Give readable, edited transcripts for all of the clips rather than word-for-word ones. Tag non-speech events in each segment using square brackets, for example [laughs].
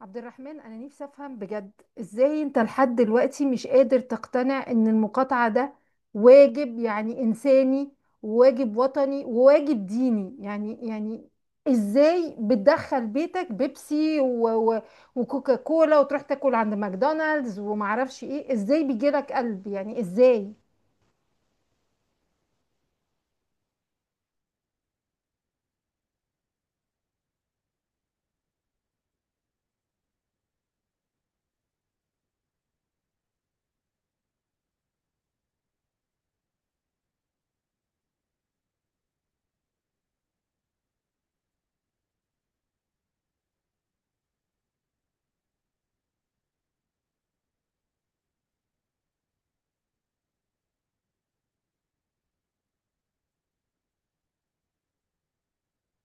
عبد الرحمن، أنا نفسي أفهم بجد إزاي أنت لحد دلوقتي مش قادر تقتنع إن المقاطعة ده واجب، يعني إنساني وواجب وطني وواجب ديني. إزاي بتدخل بيتك بيبسي و و وكوكا كولا وتروح تاكل عند ماكدونالدز ومعرفش إيه؟ إزاي بيجيلك قلب؟ يعني إزاي؟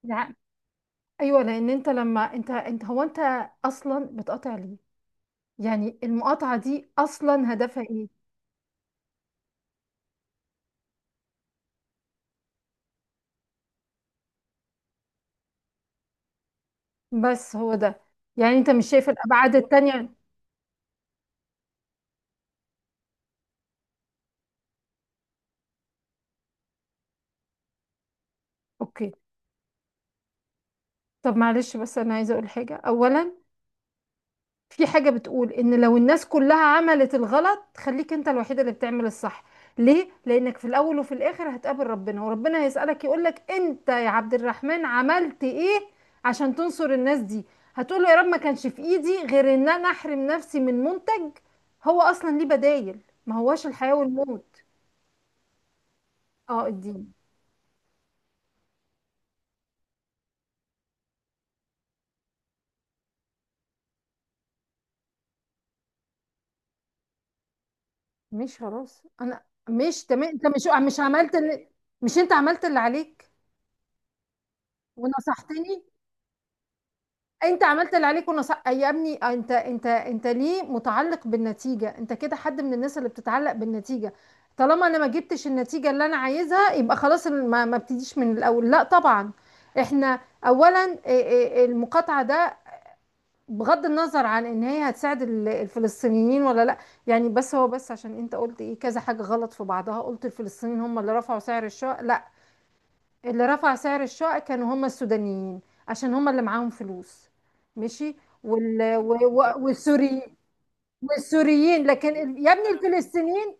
يعني أيوة، لأن أنت لما أنت أصلا بتقاطع ليه؟ يعني المقاطعة دي أصلا هدفها إيه؟ بس هو ده، يعني انت مش شايف الابعاد التانية. اوكي. طب معلش، بس انا عايزه اقول حاجه اولا. في حاجه بتقول ان لو الناس كلها عملت الغلط، خليك انت الوحيده اللي بتعمل الصح. ليه؟ لانك في الاول وفي الاخر هتقابل ربنا، وربنا هيسالك، يقولك: انت يا عبد الرحمن عملت ايه عشان تنصر الناس دي؟ هتقول له: يا رب، ما كانش في ايدي غير ان انا احرم نفسي من منتج هو اصلا ليه بدايل، ما هواش الحياه والموت. اه، الدين. مش خلاص انا مش تمام انت مش عملت اللي، مش انت عملت اللي عليك ونصحتني. انت عملت اللي عليك ونصح يا ابني. انت ليه متعلق بالنتيجة؟ انت كده حد من الناس اللي بتتعلق بالنتيجة. طالما انا ما جبتش النتيجة اللي انا عايزها يبقى خلاص ما ابتديش من الاول؟ لا طبعا. احنا اولا، إيه المقاطعة ده؟ بغض النظر عن ان هي هتساعد الفلسطينيين ولا لا. يعني بس عشان انت قلت ايه كذا حاجة غلط في بعضها. قلت الفلسطينيين هم اللي رفعوا سعر الشقق؟ لا، اللي رفع سعر الشقق كانوا هم السودانيين عشان هم اللي معاهم فلوس. ماشي. و والسوري والسوريين، لكن يا ابني الفلسطينيين.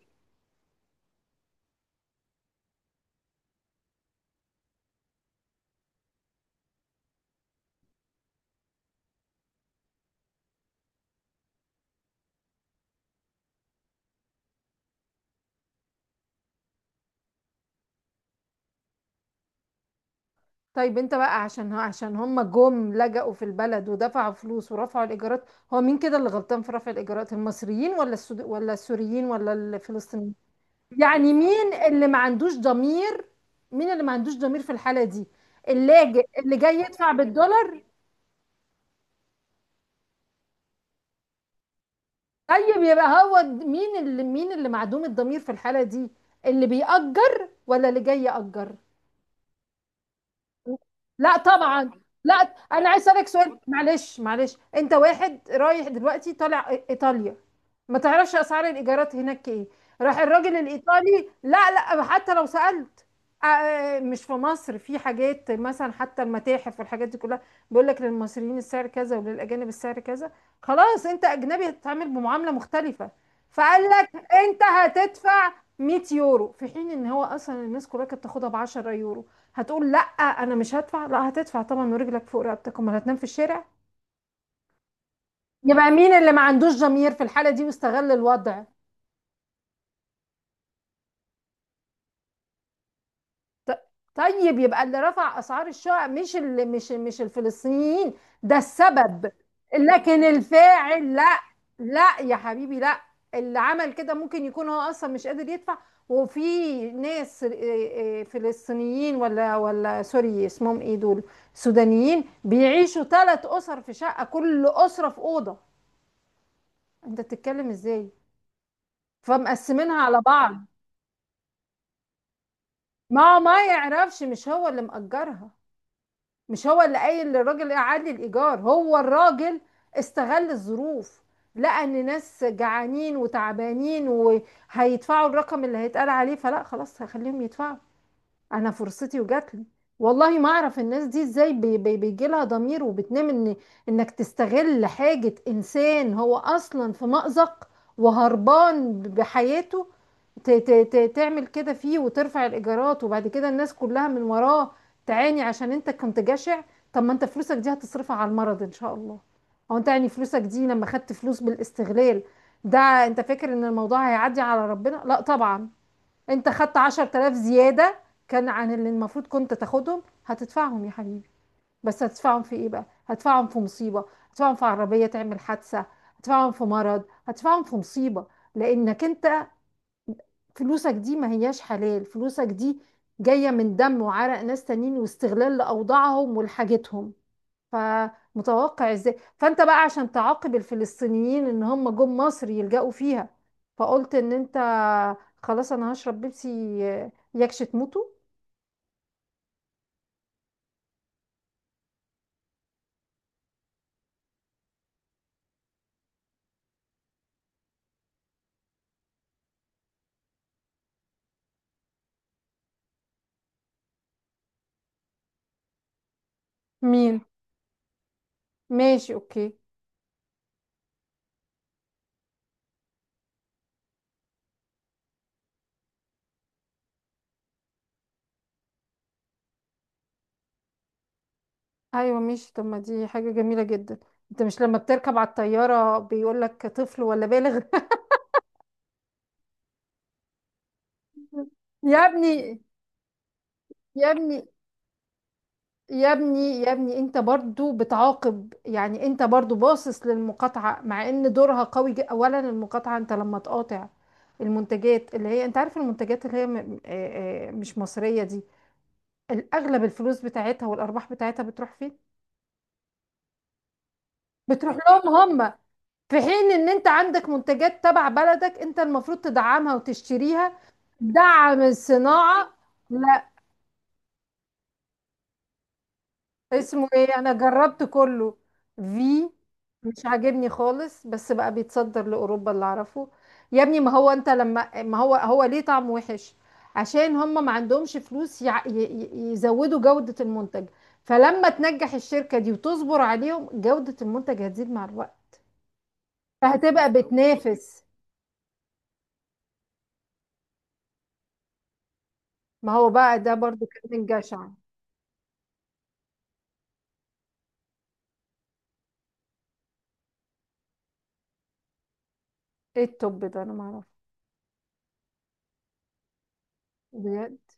طيب انت بقى عشان هم جم لجأوا في البلد ودفعوا فلوس ورفعوا الايجارات. هو مين كده اللي غلطان في رفع الايجارات؟ المصريين ولا السوريين ولا الفلسطينيين؟ يعني مين اللي ما عندوش ضمير؟ مين اللي ما عندوش ضمير في الحالة دي؟ اللاجئ اللي جاي يدفع بالدولار؟ طيب يبقى مين اللي معدوم الضمير في الحالة دي؟ اللي بيأجر ولا اللي جاي يأجر؟ لا طبعا، لا. انا عايز اسالك سؤال. معلش معلش، انت واحد رايح دلوقتي طالع ايطاليا، ما تعرفش اسعار الايجارات هناك ايه. راح الراجل الايطالي، لا لا، حتى لو سالت. مش في مصر في حاجات مثلا حتى المتاحف والحاجات دي كلها، بيقول لك للمصريين السعر كذا وللاجانب السعر كذا. خلاص انت اجنبي هتتعامل بمعامله مختلفه. فقال لك انت هتدفع 100 يورو، في حين ان هو اصلا الناس كلها كانت بتاخدها ب 10 يورو. هتقول لا انا مش هدفع؟ لا، هتدفع طبعا، ورجلك فوق رقبتك، امال هتنام في الشارع. يبقى مين اللي ما عندوش ضمير في الحالة دي واستغل الوضع؟ ط- طيب يبقى اللي رفع اسعار الشقق مش اللي مش مش الفلسطينيين، ده السبب، لكن الفاعل لا. لا يا حبيبي، لا. اللي عمل كده ممكن يكون هو اصلا مش قادر يدفع. وفي ناس فلسطينيين ولا سوري اسمهم ايه دول، سودانيين بيعيشوا 3 اسر في شقة، كل اسرة في اوضة. انت بتتكلم ازاي؟ فمقسمينها على بعض. ما هو ما يعرفش، مش هو اللي مأجرها، مش هو اللي قايل للراجل اعلي الايجار. هو الراجل استغل الظروف. لقى ان ناس جعانين وتعبانين وهيدفعوا الرقم اللي هيتقال عليه، فلا خلاص هخليهم يدفعوا، انا فرصتي وجاتلي. والله ما اعرف الناس دي ازاي بي بي بيجي لها ضمير وبتنام، ان انك تستغل حاجة، انسان هو اصلا في مأزق وهربان بحياته، ت ت ت تعمل كده فيه وترفع الايجارات، وبعد كده الناس كلها من وراه تعاني عشان انت كنت جشع. طب ما انت فلوسك دي هتصرفها على المرض ان شاء الله. هو انت يعني فلوسك دي لما خدت فلوس بالاستغلال، ده انت فاكر ان الموضوع هيعدي على ربنا؟ لا طبعا. انت خدت 10000 زيادة كان عن اللي المفروض كنت تاخدهم، هتدفعهم يا حبيبي. بس هتدفعهم في ايه بقى؟ هتدفعهم في مصيبة، هتدفعهم في عربية تعمل حادثة، هتدفعهم في مرض، هتدفعهم في مصيبة. لانك انت فلوسك دي ما هياش حلال، فلوسك دي جاية من دم وعرق ناس تانيين واستغلال لأوضاعهم ولحاجتهم. فمتوقع ازاي، فانت بقى عشان تعاقب الفلسطينيين ان هم جم مصر يلجأوا فيها، فقلت ان انت خلاص انا هشرب بيبسي يكش تموتوا. مين؟ ماشي، اوكي. ايوه ماشي، طب ما دي حاجة جميلة جدا، انت مش لما بتركب على الطيارة بيقول لك طفل ولا بالغ؟ [laughs] يا ابني يا ابني يا ابني يا ابني، انت برضو بتعاقب، يعني انت برضو باصص للمقاطعة مع ان دورها قوي جدا. اولا المقاطعة، انت لما تقاطع المنتجات اللي هي، انت عارف المنتجات اللي هي مش مصرية دي، الاغلب الفلوس بتاعتها والارباح بتاعتها بتروح فين؟ بتروح لهم هم. في حين ان انت عندك منتجات تبع بلدك انت المفروض تدعمها وتشتريها، دعم الصناعة. لا. اسمه ايه، انا جربت كله. في، مش عاجبني خالص، بس بقى بيتصدر لاوروبا اللي اعرفه. يا ابني، ما هو هو ليه طعم وحش؟ عشان هم ما عندهمش فلوس يزودوا جودة المنتج. فلما تنجح الشركة دي وتصبر عليهم، جودة المنتج هتزيد مع الوقت، فهتبقى بتنافس. ما هو بقى ده برضو كان من جشع. ايه التوب ده، انا ما اعرفه.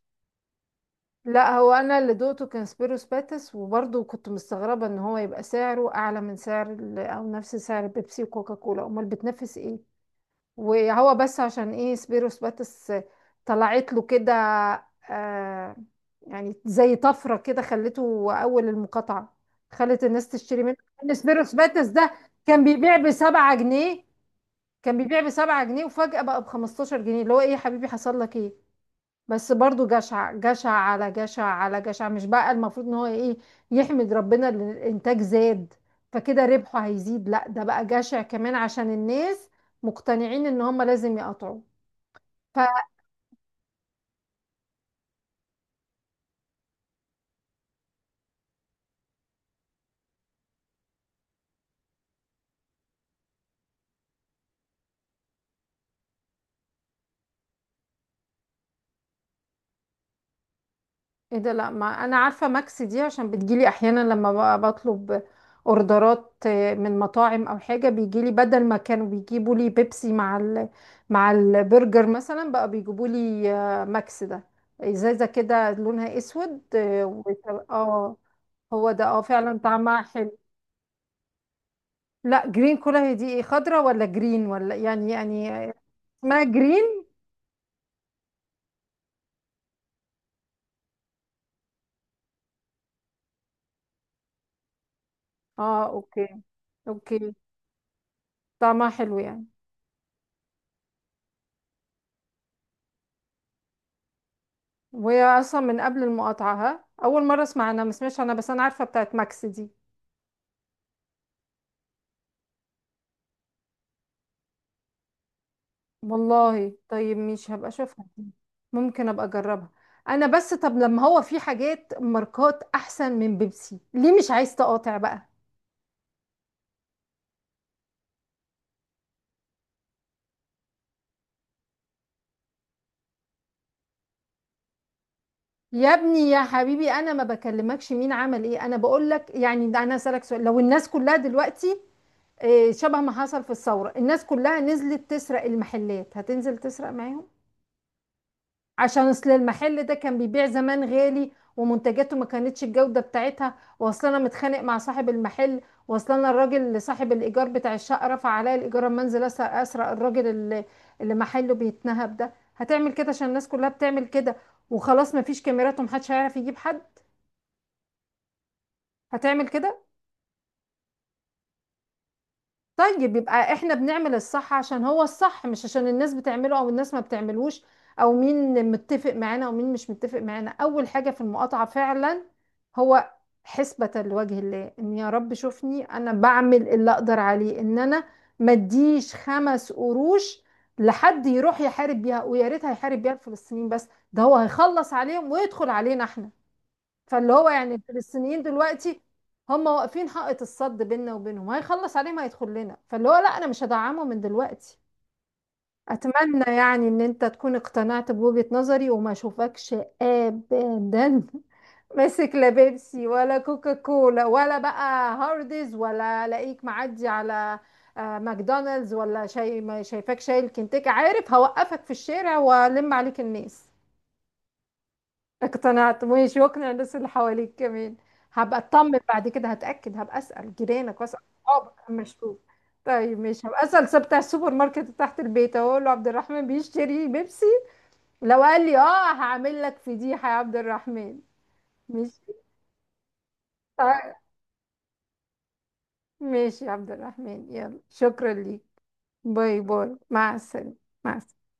لا هو انا اللي دوقته كان سبيروس باتس، وبرضه كنت مستغربه ان هو يبقى سعره اعلى من سعر او نفس سعر بيبسي وكوكا كولا، امال بتنافس ايه؟ وهو بس عشان ايه سبيروس باتس طلعت له كده؟ آه، يعني زي طفره كده خلته اول المقاطعه، خلت الناس تشتري منه. ان سبيروس باتس ده كان بيبيع بسبعة جنيه كان بيبيع بسبعة جنيه وفجأة بقى ب15 جنيه، اللي هو ايه يا حبيبي حصل لك ايه؟ بس برضو جشع جشع على جشع على جشع. مش بقى المفروض ان هو ايه، يحمد ربنا ان الانتاج زاد فكده ربحه هيزيد؟ لا، ده بقى جشع كمان عشان الناس مقتنعين ان هم لازم يقطعوا. ف ايه ده؟ لا، ما انا عارفه، ماكس دي، عشان بتجيلي احيانا لما بقى بطلب اوردرات من مطاعم او حاجه بيجيلي، بدل ما كانوا بيجيبوا لي بيبسي مع مع البرجر مثلا، بقى بيجيبوا لي ماكس ده. ازازه كده لونها اسود، اه، هو ده، اه، فعلا طعمها حلو. لا جرين كلها هي دي ايه؟ خضرة ولا جرين ولا؟ يعني اسمها جرين. اه، اوكي. اوكي طعمها حلو يعني. وهي اصلا من قبل المقاطعة؟ ها، اول مرة اسمع، انا ما سمعتش، انا بس انا عارفة بتاعت ماكس دي. والله طيب مش هبقى اشوفها دي، ممكن ابقى اجربها. انا بس طب لما هو في حاجات ماركات احسن من بيبسي، ليه مش عايز تقاطع بقى؟ يا ابني يا حبيبي، انا ما بكلمكش مين عمل ايه، انا بقول لك يعني. ده انا اسالك سؤال، لو الناس كلها دلوقتي، شبه ما حصل في الثوره، الناس كلها نزلت تسرق المحلات، هتنزل تسرق معاهم؟ عشان اصل المحل ده كان بيبيع زمان غالي، ومنتجاته ما كانتش الجوده بتاعتها، واصل انا متخانق مع صاحب المحل، واصل انا الراجل اللي صاحب الايجار بتاع الشقه رفع عليا الايجار، اما انزل اسرق، الراجل اللي اللي محله بيتنهب ده، هتعمل كده عشان الناس كلها بتعمل كده وخلاص مفيش كاميرات ومحدش هيعرف يجيب حد؟ هتعمل كده؟ طيب يبقى احنا بنعمل الصح عشان هو الصح، مش عشان الناس بتعمله او الناس ما بتعملوش، او مين متفق معانا او مين مش متفق معانا. اول حاجة في المقاطعة فعلا هو حسبة لوجه الله، ان يا رب شوفني انا بعمل اللي اقدر عليه، ان انا ما اديش 5 قروش لحد يروح يحارب بيها. ويا ريت هيحارب بيها الفلسطينيين بس، ده هو هيخلص عليهم ويدخل علينا احنا. فاللي هو يعني الفلسطينيين دلوقتي هم واقفين حائط الصد بيننا وبينهم، هيخلص عليهم هيدخل لنا، فاللي هو لا انا مش هدعمه من دلوقتي. اتمنى يعني ان انت تكون اقتنعت بوجهة نظري، وما اشوفكش ابدا [laughs] ماسك لا بيبسي ولا كوكا كولا ولا بقى هارديز، ولا الاقيك معدي على ماكدونالدز ولا شيء، ما شايفاك شايل كنتاكي، عارف هوقفك في الشارع والم عليك الناس. اقتنعت؟ مش يقنع الناس اللي حواليك كمان؟ هبقى اطمن بعد كده، هتأكد، هبقى اسأل جيرانك واسأل صحابك اما اشوف. طيب مش هبقى اسأل بتاع السوبر ماركت تحت البيت، اقول له عبد الرحمن بيشتري بيبسي؟ لو قال لي اه، هعمل لك فضيحة يا عبد الرحمن. مش، طيب، ماشي يا عبد الرحمن. يلا، شكرا ليك، باي باي، مع السلامة. مع السلامة.